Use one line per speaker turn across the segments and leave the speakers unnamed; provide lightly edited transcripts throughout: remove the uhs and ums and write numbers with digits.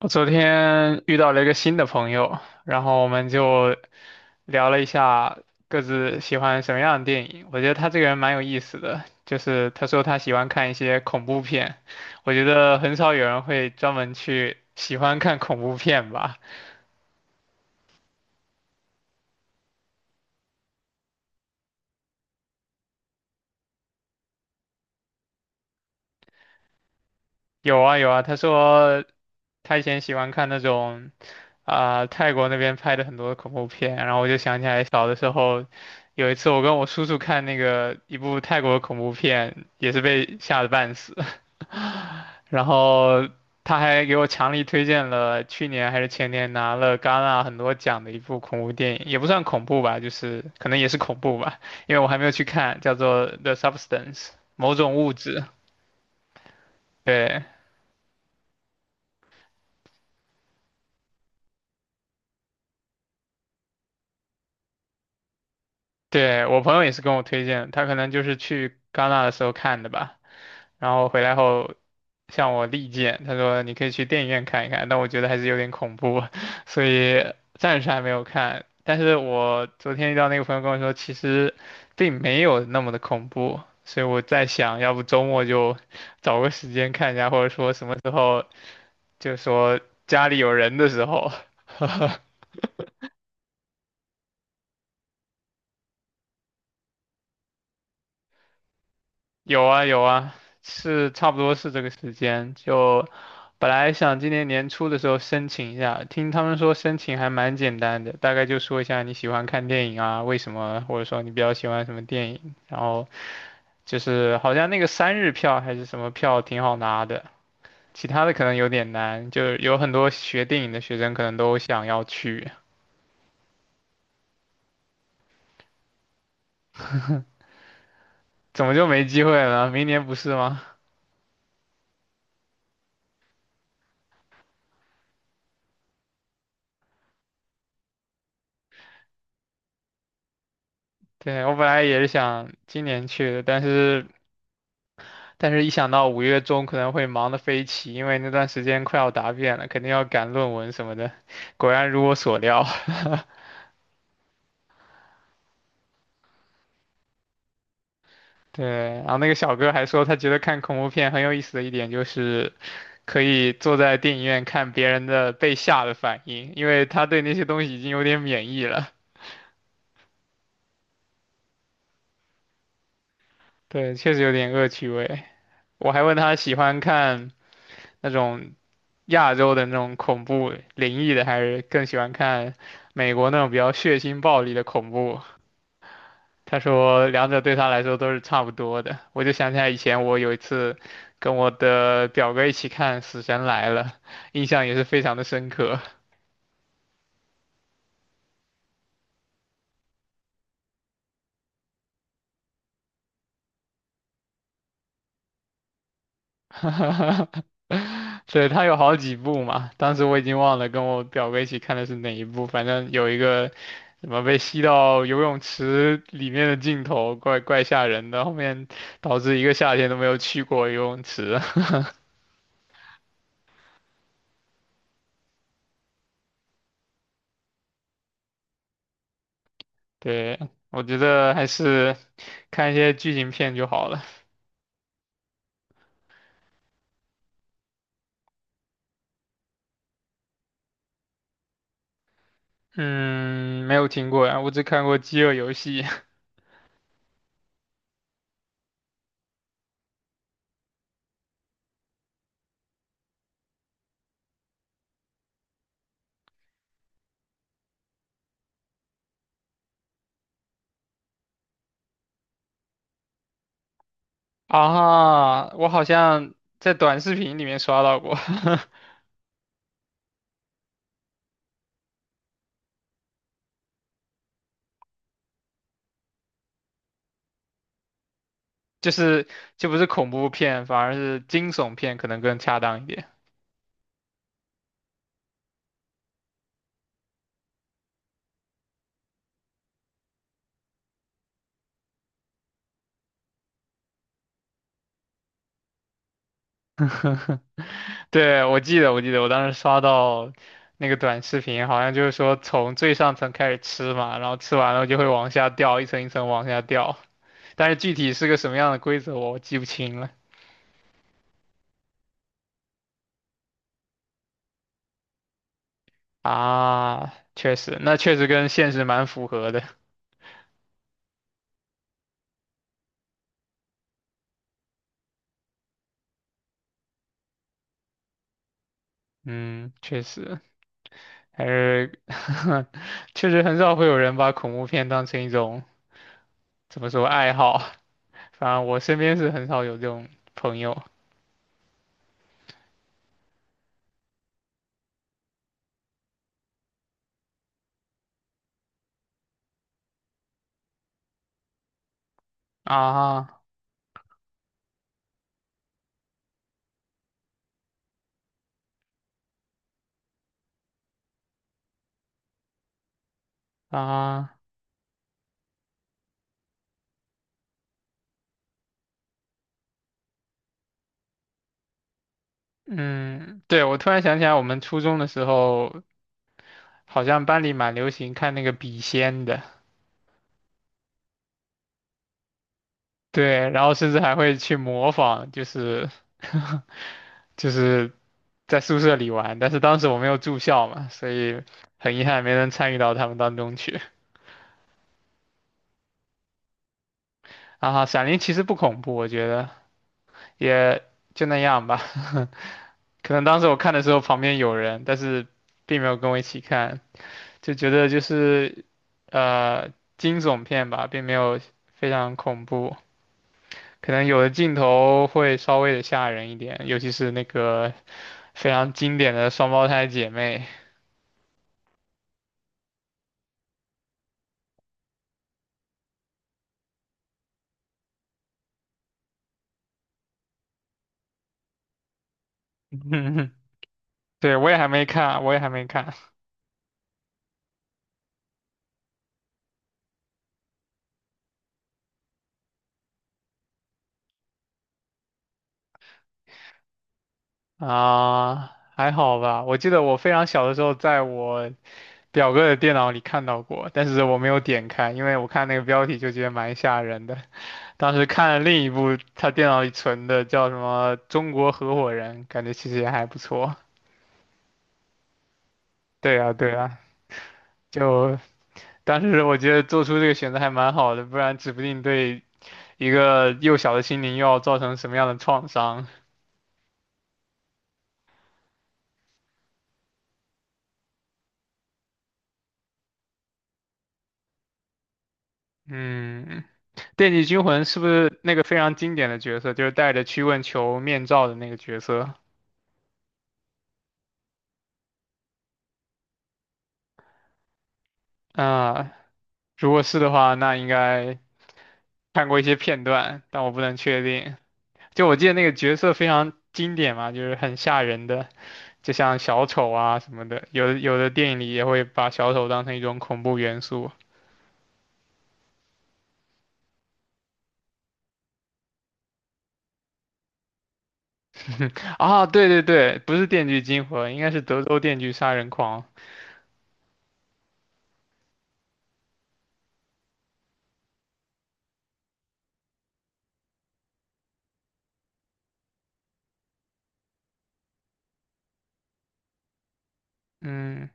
我昨天遇到了一个新的朋友，然后我们就聊了一下各自喜欢什么样的电影。我觉得他这个人蛮有意思的，就是他说他喜欢看一些恐怖片，我觉得很少有人会专门去喜欢看恐怖片吧。有啊有啊，他说他以前喜欢看那种啊、泰国那边拍的很多恐怖片，然后我就想起来小的时候。有一次，我跟我叔叔看那个一部泰国恐怖片，也是被吓得半死。然后他还给我强力推荐了去年还是前年拿了戛纳很多奖的一部恐怖电影，也不算恐怖吧，就是可能也是恐怖吧，因为我还没有去看，叫做《The Substance》某种物质。对，对，我朋友也是跟我推荐，他可能就是去戛纳的时候看的吧，然后回来后向我力荐，他说你可以去电影院看一看，但我觉得还是有点恐怖啊，所以暂时还没有看。但是我昨天遇到那个朋友跟我说，其实并没有那么的恐怖，所以我在想，要不周末就 找个时间看一下，或者说什么时候，就说家里有人的时候。有啊有啊，是差不多是这个时间。就本来想今年年初的时候申请一下，听他们说申请还蛮简单的，大概就说一下你喜欢看电影啊，为什么，或者说你比较喜欢什么电影。然后就是好像那个三日票还是什么票挺好拿的，其他的可能有点难，就有很多学电影的学生可能都想要去，怎么就没机会了？明年不是吗？对，我本来也是想今年去的，但是。但是，一想到五月中可能会忙得飞起，因为那段时间快要答辩了，肯定要赶论文什么的。果然如我所料，对。然后那个小哥还说，他觉得看恐怖片很有意思的一点就是可以坐在电影院看别人的被吓的反应，因为他对那些东西已经有点免疫了。对，确实有点恶趣味。我还问他喜欢看那种亚洲的那种恐怖灵异的，还是更喜欢看美国那种比较血腥暴力的恐怖。他说两者对他来说都是差不多的。我就想起来以前我有一次跟我的表哥一起看《死神来了》，印象也是非常的深刻。对，他有好几部嘛，当时我已经忘了跟我表哥一起看的是哪一部，反正有一个什么被吸到游泳池里面的镜头，怪怪吓人的，后面导致一个夏天都没有去过游泳池。对，我觉得还是看一些剧情片就好了。嗯，没有听过呀，我只看过《饥饿游戏》。啊，我好像在短视频里面刷到过。就是不是恐怖片，反而是惊悚片可能更恰当一点。对，我记得，我记得，我当时刷到那个短视频，好像就是说从最上层开始吃嘛，然后吃完了就会往下掉，一层一层往下掉，但是具体是个什么样的规则我记不清了。啊，确实，那确实跟现实蛮符合的。嗯，确实，还是 确实很少会有人把恐怖片当成一种怎么说爱好，反正我身边是很少有这种朋友。啊啊，嗯，对，我突然想起来，我们初中的时候好像班里蛮流行看那个笔仙的。对，然后甚至还会去模仿，就是 就是在宿舍里玩，但是当时我没有住校嘛，所以很遗憾没能参与到他们当中去。啊，《闪灵》其实不恐怖，我觉得也就那样吧。可能当时我看的时候旁边有人，但是并没有跟我一起看，就觉得就是呃惊悚片吧，并没有非常恐怖。可能有的镜头会稍微的吓人一点，尤其是那个非常经典的双胞胎姐妹。对，我也还没看，我也还没看。啊，还好吧。我记得我非常小的时候，在我表哥的电脑里看到过，但是我没有点开，因为我看那个标题就觉得蛮吓人的。当时看了另一部他电脑里存的，叫什么《中国合伙人》，感觉其实也还不错。对啊，对啊，就当时我觉得做出这个选择还蛮好的，不然指不定对一个幼小的心灵又要造成什么样的创伤。嗯，电锯惊魂是不是那个非常经典的角色，就是戴着驱蚊球面罩的那个角色？啊、如果是的话，那应该看过一些片段，但我不能确定。就我记得那个角色非常经典嘛，就是很吓人的，就像小丑啊什么的。有的有的电影里也会把小丑当成一种恐怖元素。啊，对对对，不是电锯惊魂，应该是德州电锯杀人狂。嗯，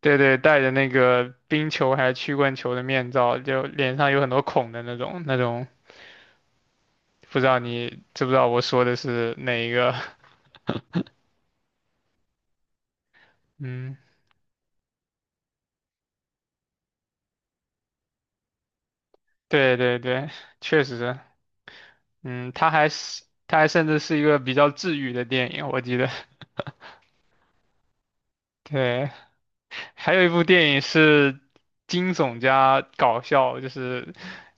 对对，戴着那个冰球还是曲棍球的面罩，就脸上有很多孔的那种，那种不知道你知不知道我说的是哪一个？嗯，对对对，确实。嗯，它还是它还甚至是一个比较治愈的电影，我记得。对，还有一部电影是惊悚加搞笑，就是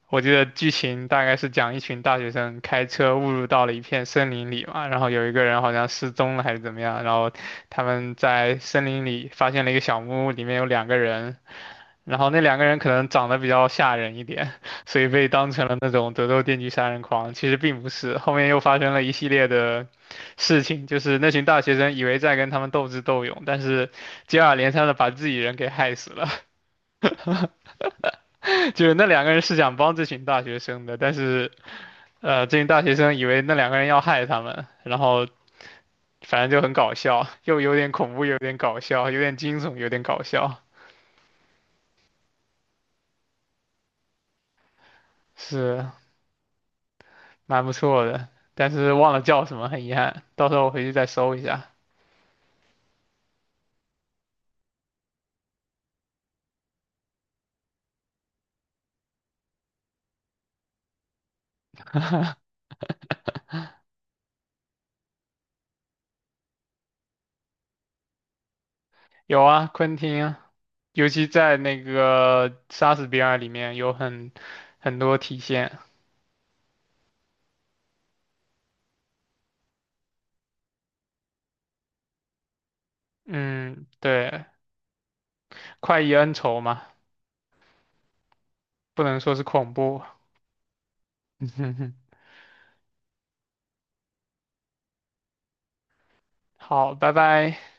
我记得剧情大概是讲一群大学生开车误入到了一片森林里嘛，然后有一个人好像失踪了还是怎么样，然后他们在森林里发现了一个小木屋，里面有两个人，然后那两个人可能长得比较吓人一点，所以被当成了那种德州电锯杀人狂。其实并不是，后面又发生了一系列的事情，就是那群大学生以为在跟他们斗智斗勇，但是接二连三的把自己人给害死了。就是那两个人是想帮这群大学生的，但是这群大学生以为那两个人要害他们，然后反正就很搞笑，又有点恐怖，有点搞笑，有点惊悚，有点搞笑。是，蛮不错的，但是忘了叫什么，很遗憾，到时候我回去再搜一下。有啊，昆汀，尤其在那个《杀死比尔》里面有很多体现。嗯，对，快意恩仇嘛，不能说是恐怖。好，拜拜。